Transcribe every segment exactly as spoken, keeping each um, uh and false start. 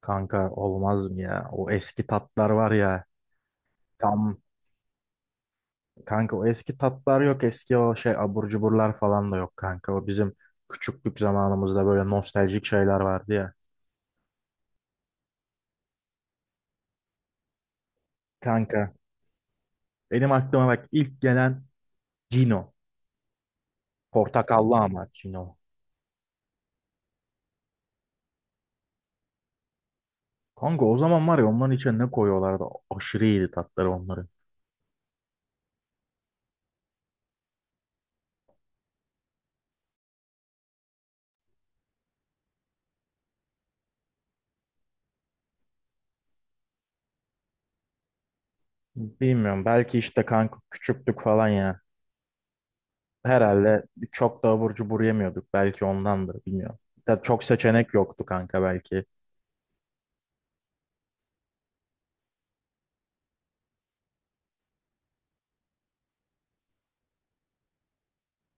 Kanka olmaz mı ya? O eski tatlar var ya. Tam kanka, o eski tatlar yok. Eski o şey abur cuburlar falan da yok kanka. O bizim küçüklük zamanımızda böyle nostaljik şeyler vardı ya. Kanka benim aklıma bak ilk gelen Cino. Portakallı ama Cino. Kanka o zaman var ya, onların içine ne koyuyorlardı? Aşırı iyiydi tatları onların. Bilmiyorum, belki işte kanka küçüklük falan ya. Herhalde çok da abur cubur yemiyorduk. Belki ondandır, bilmiyorum. Ya çok seçenek yoktu kanka belki.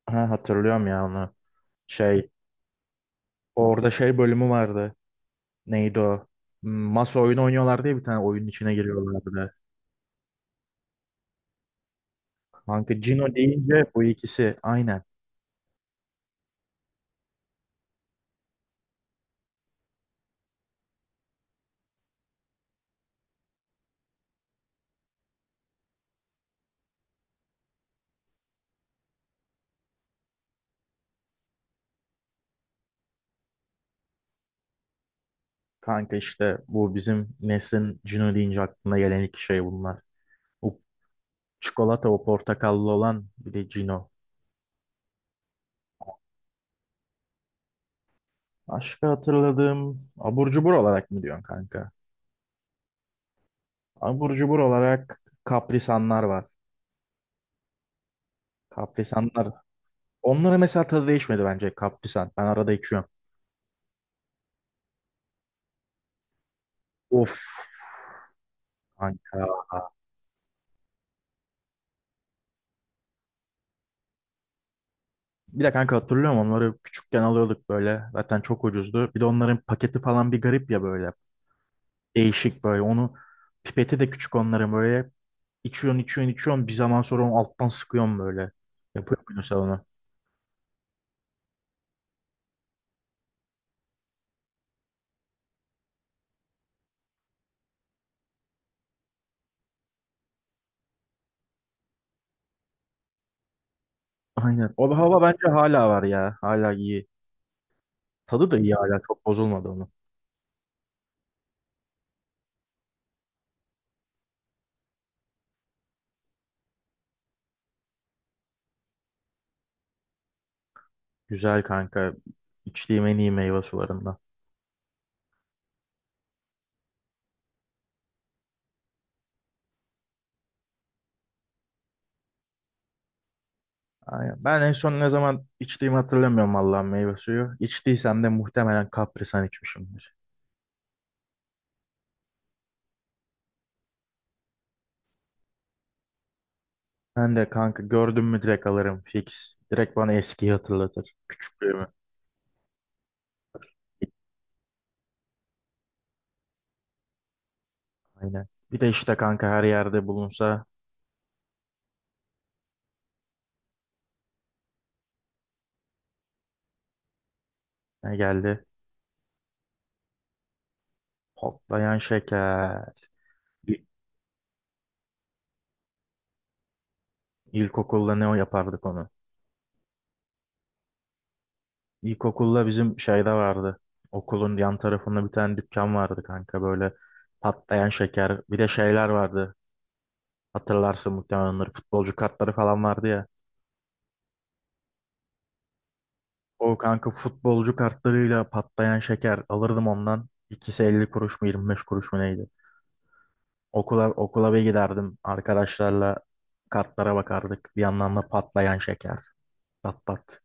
Ha, hatırlıyorum ya onu. Şey, orada şey bölümü vardı. Neydi o? Hmm, Masa oyunu oynuyorlar diye bir tane oyunun içine giriyorlardı. Kanka Cino deyince bu ikisi aynen. Kanka işte bu bizim neslin Cino deyince aklına gelen iki şey bunlar. O çikolata, o portakallı olan bir de Cino. Başka hatırladığım abur cubur olarak mı diyorsun kanka? Abur cubur olarak kaprisanlar var. Kaprisanlar. Onlara mesela tadı değişmedi bence kaprisan. Ben arada içiyorum. Of kanka. Bir de kanka hatırlıyorum onları, küçükken alıyorduk böyle. Zaten çok ucuzdu. Bir de onların paketi falan bir garip ya böyle. Değişik böyle. Onu, pipeti de küçük onların böyle. İçiyorsun içiyorsun içiyorsun. Bir zaman sonra onu alttan sıkıyorsun böyle. Yapıyor musun sen onu? Aynen. O hava bence hala var ya. Hala iyi. Tadı da iyi hala. Çok bozulmadı onun. Güzel kanka. İçtiğim en iyi meyve sularından. Aynen. Ben en son ne zaman içtiğimi hatırlamıyorum vallahi, meyve suyu. İçtiysem de muhtemelen kaprisan içmişim. Ben de kanka, gördüm mü direkt alırım fix. Direkt bana eskiyi hatırlatır. Küçüklüğümü. Aynen. Bir de işte kanka her yerde bulunsa. Ne geldi? Patlayan şeker. İl- İlkokulda ne o yapardık onu? İlkokulda bizim şeyde vardı. Okulun yan tarafında bir tane dükkan vardı kanka, böyle patlayan şeker. Bir de şeyler vardı. Hatırlarsın muhtemelen onları. Futbolcu kartları falan vardı ya. O kanka, futbolcu kartlarıyla patlayan şeker alırdım ondan. İkisi elli kuruş mu yirmi beş kuruş mu neydi? Okula, okula bir giderdim. Arkadaşlarla kartlara bakardık. Bir yandan da patlayan şeker. Pat pat.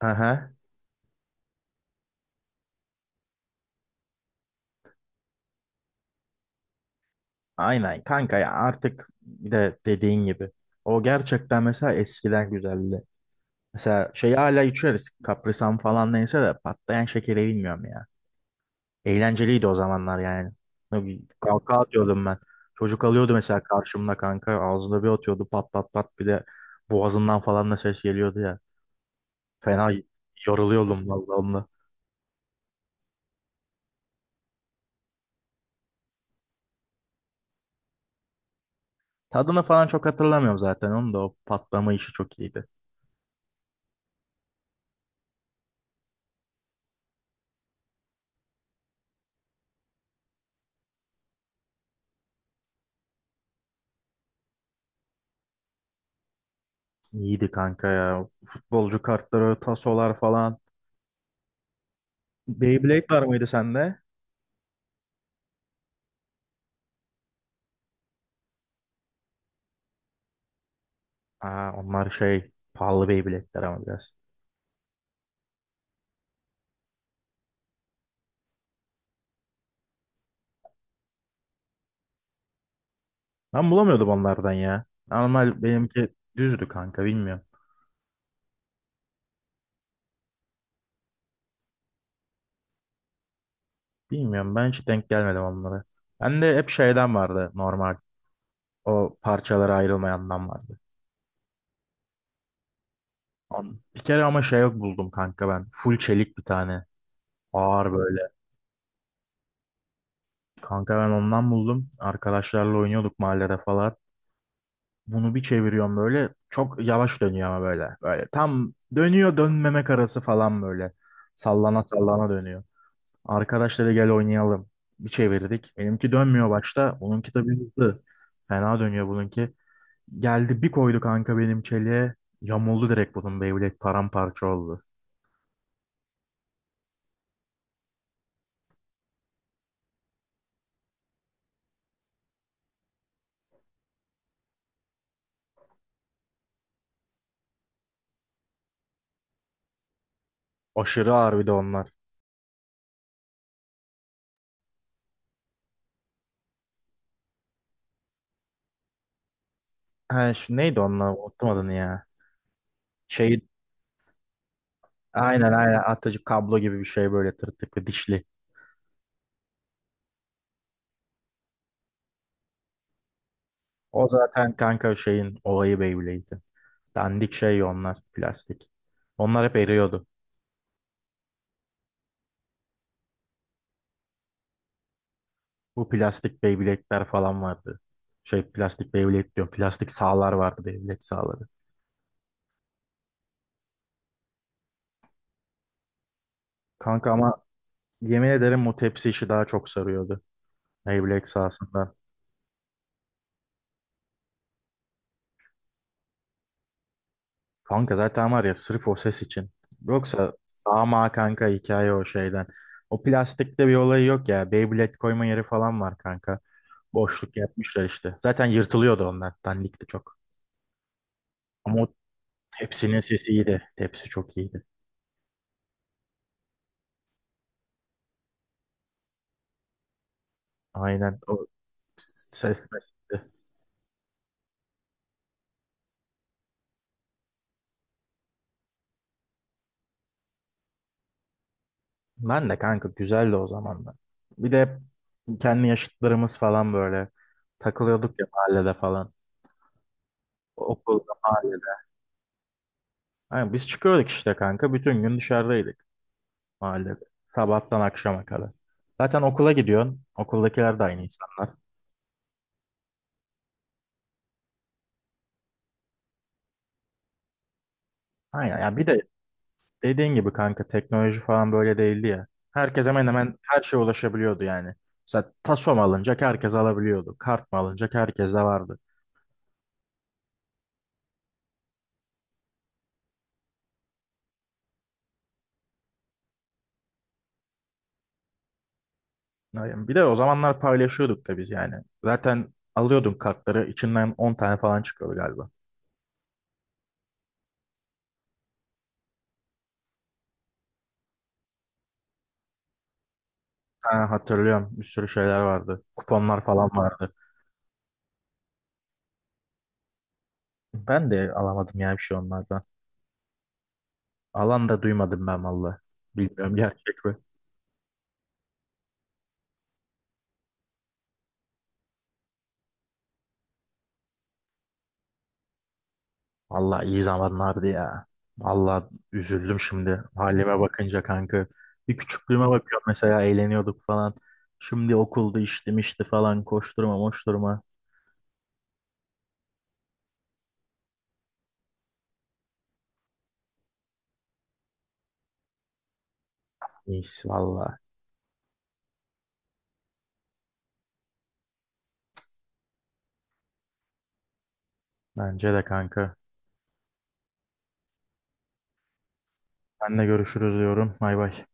Aha. Aynen kanka ya, artık bir de dediğin gibi. O gerçekten mesela eskiden güzeldi. Mesela şeyi hala içeriz. Kaprisan falan neyse de patlayan şekeri bilmiyorum ya. Eğlenceliydi o zamanlar yani. Kalka atıyordum ben. Çocuk alıyordu mesela karşımda kanka. Ağzına bir atıyordu pat pat pat. Bir de boğazından falan da ses geliyordu ya. Fena yoruluyordum vallahi onunla. Tadını falan çok hatırlamıyorum zaten. Onun da o patlama işi çok iyiydi. İyiydi kanka ya. Futbolcu kartları, tasolar falan. Beyblade var mıydı sende? Aa, onlar şey pahalı Beyblade'ler ama biraz. Ben bulamıyordum onlardan ya. Normal benimki düzdü kanka, bilmiyorum. Bilmiyorum, ben hiç denk gelmedim onlara. Ben de hep şeyden vardı normal. O parçalara ayrılmayandan vardı. An- Bir kere ama şey buldum kanka ben. Full çelik bir tane. Ağır böyle. Kanka ben ondan buldum. Arkadaşlarla oynuyorduk mahallede falan. Bunu bir çeviriyorum böyle. Çok yavaş dönüyor ama böyle. Böyle tam dönüyor dönmemek arası falan böyle. Sallana sallana dönüyor. Arkadaşları gel oynayalım. Bir çevirdik. Benimki dönmüyor başta. Onunki tabii hızlı. Fena dönüyor bununki. Geldi bir koydu kanka benim çeliğe. Yamuldu direkt, bunun Beyblade paramparça oldu. Aşırı ağır bir de onlar. Ha, şu neydi onlar? Unuttum adını ya. Şey, aynen aynen atıcı kablo gibi bir şey, böyle tırtıklı dişli. O zaten kanka şeyin olayı Beyblade'di. Dandik şey onlar, plastik. Onlar hep eriyordu. Bu plastik Beyblade'ler falan vardı. Şey plastik Beyblade diyor. Plastik sağlar vardı, Beyblade sağları. Kanka ama yemin ederim bu tepsi işi daha çok sarıyordu. Beyblade sahasında. Kanka zaten var ya sırf o ses için. Yoksa ama kanka hikaye o şeyden. O plastikte bir olayı yok ya. Beyblade koyma yeri falan var kanka. Boşluk yapmışlar işte. Zaten yırtılıyordu onlar. Dandikti çok. Ama o tepsinin sesi iyiydi. Tepsi çok iyiydi. Aynen, o ses meselesi. Ben de kanka, güzeldi o zamanlar. Bir de hep kendi yaşıtlarımız falan böyle takılıyorduk ya mahallede falan. Okulda, mahallede. Yani biz çıkıyorduk işte kanka. Bütün gün dışarıdaydık. Mahallede. Sabahtan akşama kadar. Zaten okula gidiyorsun. Okuldakiler de aynı insanlar. Aynen ya, bir de dediğin gibi kanka teknoloji falan böyle değildi ya. Herkes hemen hemen her şeye ulaşabiliyordu yani. Mesela taso mu alınacak, herkes alabiliyordu. Kart mı alınacak, herkes de vardı. Yani bir de o zamanlar paylaşıyorduk da biz yani. Zaten alıyordum kartları, içinden on tane falan çıkıyordu galiba. Ha, hatırlıyorum, bir sürü şeyler vardı. Kuponlar falan vardı. Ben de alamadım ya bir şey onlardan. Alan da duymadım ben valla. Bilmiyorum, gerçek mi? Valla iyi zamanlardı ya. Valla üzüldüm şimdi halime bakınca kanka. Bir küçüklüğüme bakıyorum, mesela eğleniyorduk falan. Şimdi okulda iştim işte falan, koşturma moşturma. Neyse valla. Bence de kanka. Senle görüşürüz diyorum. Bay bay.